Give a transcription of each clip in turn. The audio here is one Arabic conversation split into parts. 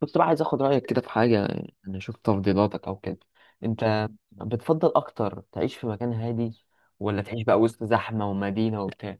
كنت بقى عايز اخد رأيك كده في حاجة، يعني اشوف تفضيلاتك او كده. انت بتفضل اكتر تعيش في مكان هادي، ولا تعيش بقى وسط زحمة ومدينة وبتاع؟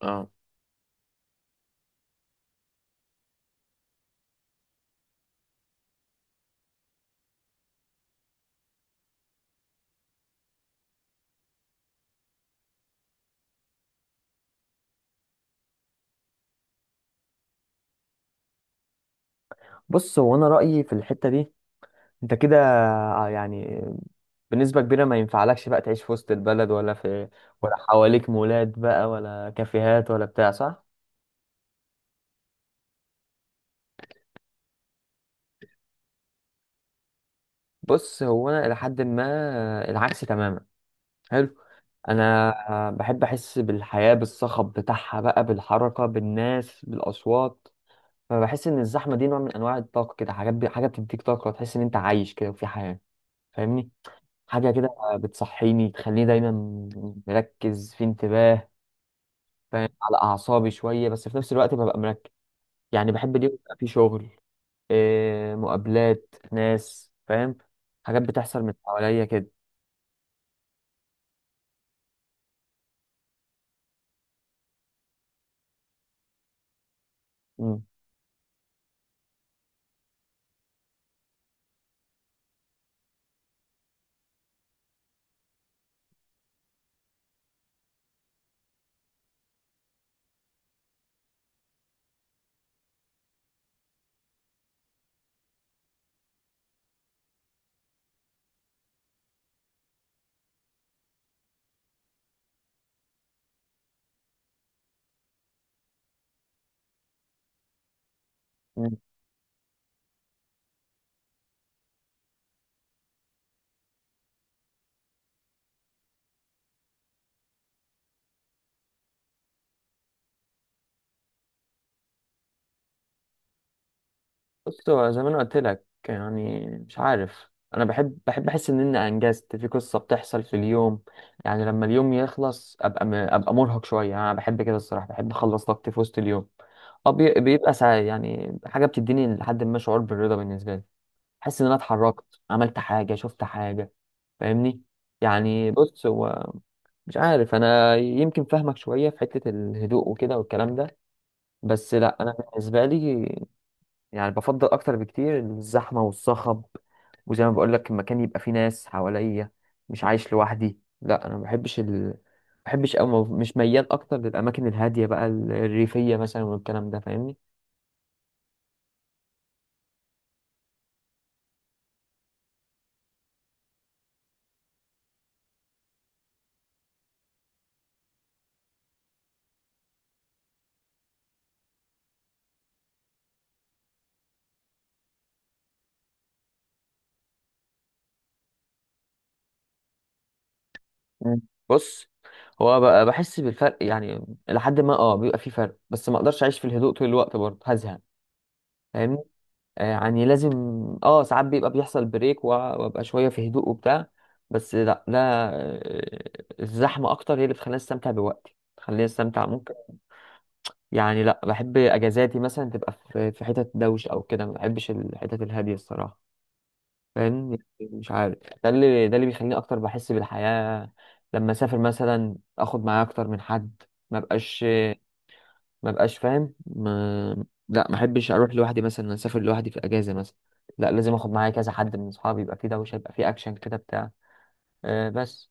اه، بص، هو انا رأيي في الحتة دي، انت كده، يعني بنسبة كبيرة ما ينفعلكش بقى تعيش في وسط البلد، ولا في ولا حواليك مولات بقى، ولا كافيهات، ولا بتاع، صح؟ بص، هو انا الى حد ما العكس تماما. حلو. انا بحب احس بالحياه، بالصخب بتاعها بقى، بالحركه، بالناس، بالاصوات. فبحس ان الزحمه دي نوع من انواع الطاقه، كده حاجه بتديك طاقه تحس ان انت عايش كده وفي حياه. فاهمني؟ حاجه كده، بتصحيني، تخليني دايما مركز في انتباه. فاهم؟ على اعصابي شويه بس في نفس الوقت ببقى مركز. يعني بحب اليوم يبقى فيه شغل، إيه، مقابلات ناس، فاهم؟ حاجات بتحصل من حواليا كده. مم. بص، هو زي ما انا قلت لك، يعني مش عارف، انا بحب احس ان انا انجزت في قصه بتحصل في اليوم. يعني لما اليوم يخلص ابقى مرهق شويه. يعني انا بحب كده الصراحه، بحب اخلص طاقتي في وسط اليوم. أه، بيبقى ساعة، يعني حاجه بتديني لحد ما شعور بالرضا بالنسبه لي. احس ان انا اتحركت، عملت حاجه، شفت حاجه. فاهمني؟ يعني بص، هو مش عارف، انا يمكن فاهمك شويه في حته الهدوء وكده والكلام ده. بس لا، انا بالنسبه لي، يعني بفضل اكتر بكتير الزحمه والصخب. وزي ما بقول لك، المكان يبقى فيه ناس حواليا، مش عايش لوحدي. لا انا ما بحبش او مش ميال اكتر للاماكن الهاديه بقى، الريفيه مثلا والكلام ده. فاهمني؟ مم. بص، هو بقى بحس بالفرق، يعني لحد ما بيبقى فيه فرق، بس ما اقدرش اعيش في الهدوء طول الوقت، برضه هزهق. فاهمني؟ يعني لازم، اه ساعات بيبقى بيحصل بريك وابقى شويه في هدوء وبتاع. بس لا، ده الزحمه اكتر هي اللي بتخليني استمتع بوقتي، بتخليني استمتع ممكن. يعني لا، بحب اجازاتي مثلا تبقى في حتت دوشه او كده. ما بحبش الحتت الهاديه الصراحه. فاهم؟ مش عارف. ده اللي بيخليني اكتر بحس بالحياه. لما اسافر مثلا اخد معايا اكتر من حد. ما بقاش ما بقاش فاهم. ما لا، ما احبش اروح لوحدي مثلا، اسافر لوحدي في اجازه مثلا. لا، لازم اخد معايا كذا حد من اصحابي، يبقى فيه دوشه، يبقى فيه اكشن كده بتاع. أه، بس.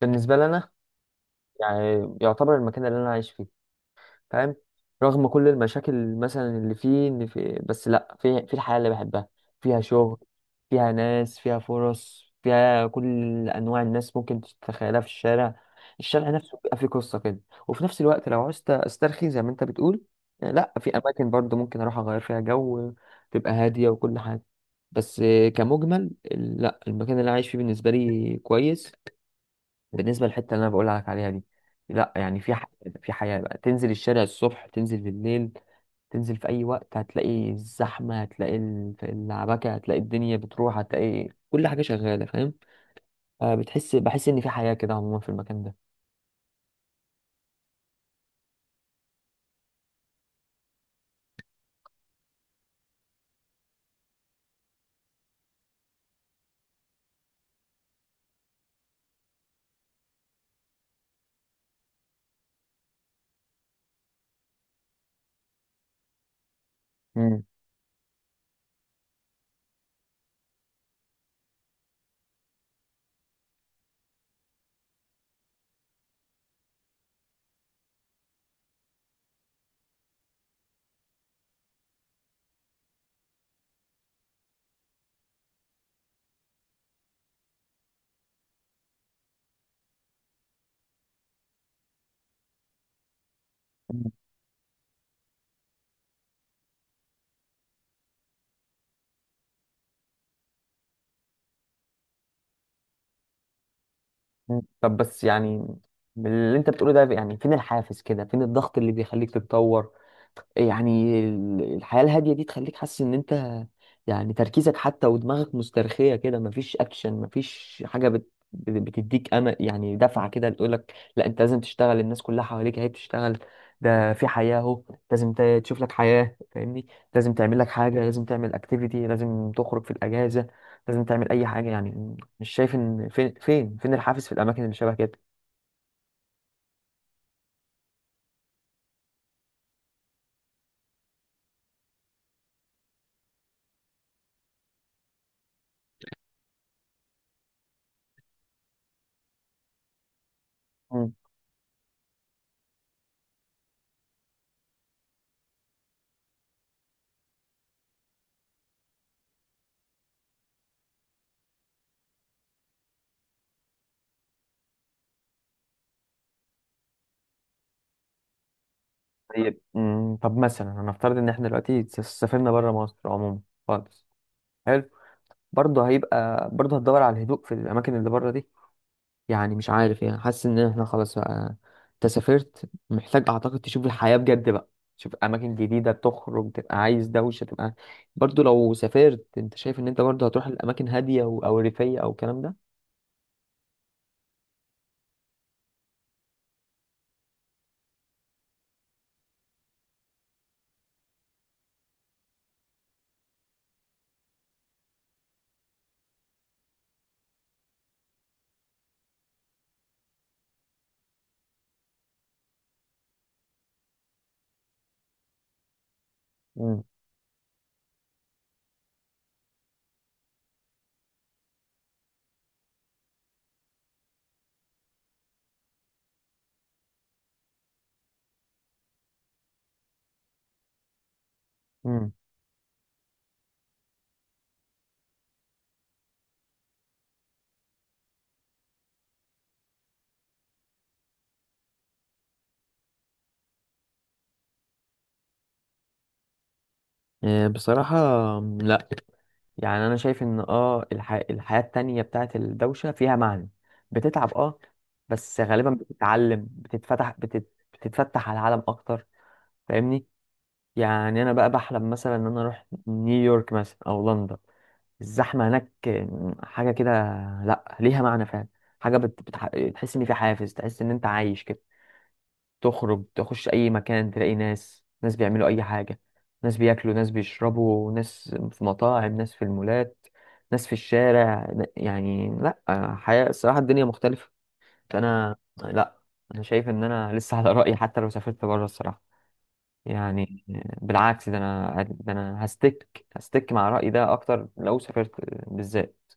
بالنسبه لنا، يعني يعتبر المكان اللي انا عايش فيه. فاهم؟ رغم كل المشاكل مثلا اللي فيه، ان في، بس لا، في الحياة اللي بحبها. فيها شغل، فيها ناس، فيها فرص، فيها كل انواع الناس ممكن تتخيلها في الشارع. الشارع نفسه بيبقى فيه قصة كده. وفي نفس الوقت لو عاوزت استرخي زي ما انت بتقول، لا، في اماكن برضه ممكن اروح اغير فيها جو، تبقى هادية وكل حاجة. بس كمجمل لا، المكان اللي أنا عايش فيه بالنسبة لي كويس. بالنسبه للحته اللي انا بقول لك عليها دي، لا يعني في حياه، في حياه بقى، تنزل الشارع الصبح، تنزل بالليل، تنزل في اي وقت، هتلاقي الزحمه، هتلاقي في العبكه، هتلاقي الدنيا بتروح، هتلاقي كل حاجه شغاله. فاهم؟ بحس ان في حياه كده، عموما في المكان ده. مم. مم. مم. طب بس يعني، من اللي انت بتقوله ده، يعني فين الحافز كده، فين الضغط اللي بيخليك تتطور؟ يعني الحياة الهادية دي تخليك حاسس ان انت، يعني تركيزك حتى ودماغك مسترخية كده، مفيش اكشن، مفيش حاجة بتديك امل، يعني دفعة كده تقولك لا انت لازم تشتغل، الناس كلها حواليك اهي بتشتغل. ده في حياة اهو. لازم تشوف لك حياة. فاهمني؟ لازم تعمل لك حاجة، لازم تعمل اكتيفيتي، لازم تخرج في الاجازة، لازم تعمل اي حاجة. يعني مش شايف ان فين الحافز في الاماكن اللي شبه كده؟ إمم. طيب، طب مثلا هنفترض ان احنا دلوقتي سافرنا بره مصر عموما. خالص. حلو. برضه هتدور على الهدوء في الاماكن اللي بره دي؟ يعني مش عارف، يعني حاسس ان احنا خلاص بقى، انت سافرت، محتاج اعتقد تشوف الحياة بجد بقى، تشوف اماكن جديدة، تخرج، تبقى عايز دوشة تبقى. برضه لو سافرت، انت شايف ان انت برضه هتروح الاماكن هادية او ريفية او الكلام ده؟ امم بصراحة، لا. يعني انا شايف ان الحياة التانية بتاعت الدوشة فيها معنى. بتتعب، اه، بس غالبا بتتعلم، بتتفتح، بتتفتح على العالم اكتر. فاهمني؟ يعني انا بقى بحلم مثلا ان انا اروح نيويورك مثلا او لندن. الزحمة هناك، حاجة كده، لا ليها معنى فعلا. حاجة تحس ان في حافز، تحس ان انت عايش كده. تخرج، تخش اي مكان، تلاقي ناس، ناس بيعملوا اي حاجة، ناس بياكلوا، ناس بيشربوا، ناس في مطاعم، ناس في المولات، ناس في الشارع. يعني لا، حياة الصراحة، الدنيا مختلفة. فانا لا، انا شايف ان انا لسه على رأيي حتى لو سافرت بره الصراحة. يعني بالعكس، ده انا هستك مع رأيي ده اكتر لو سافرت بالذات.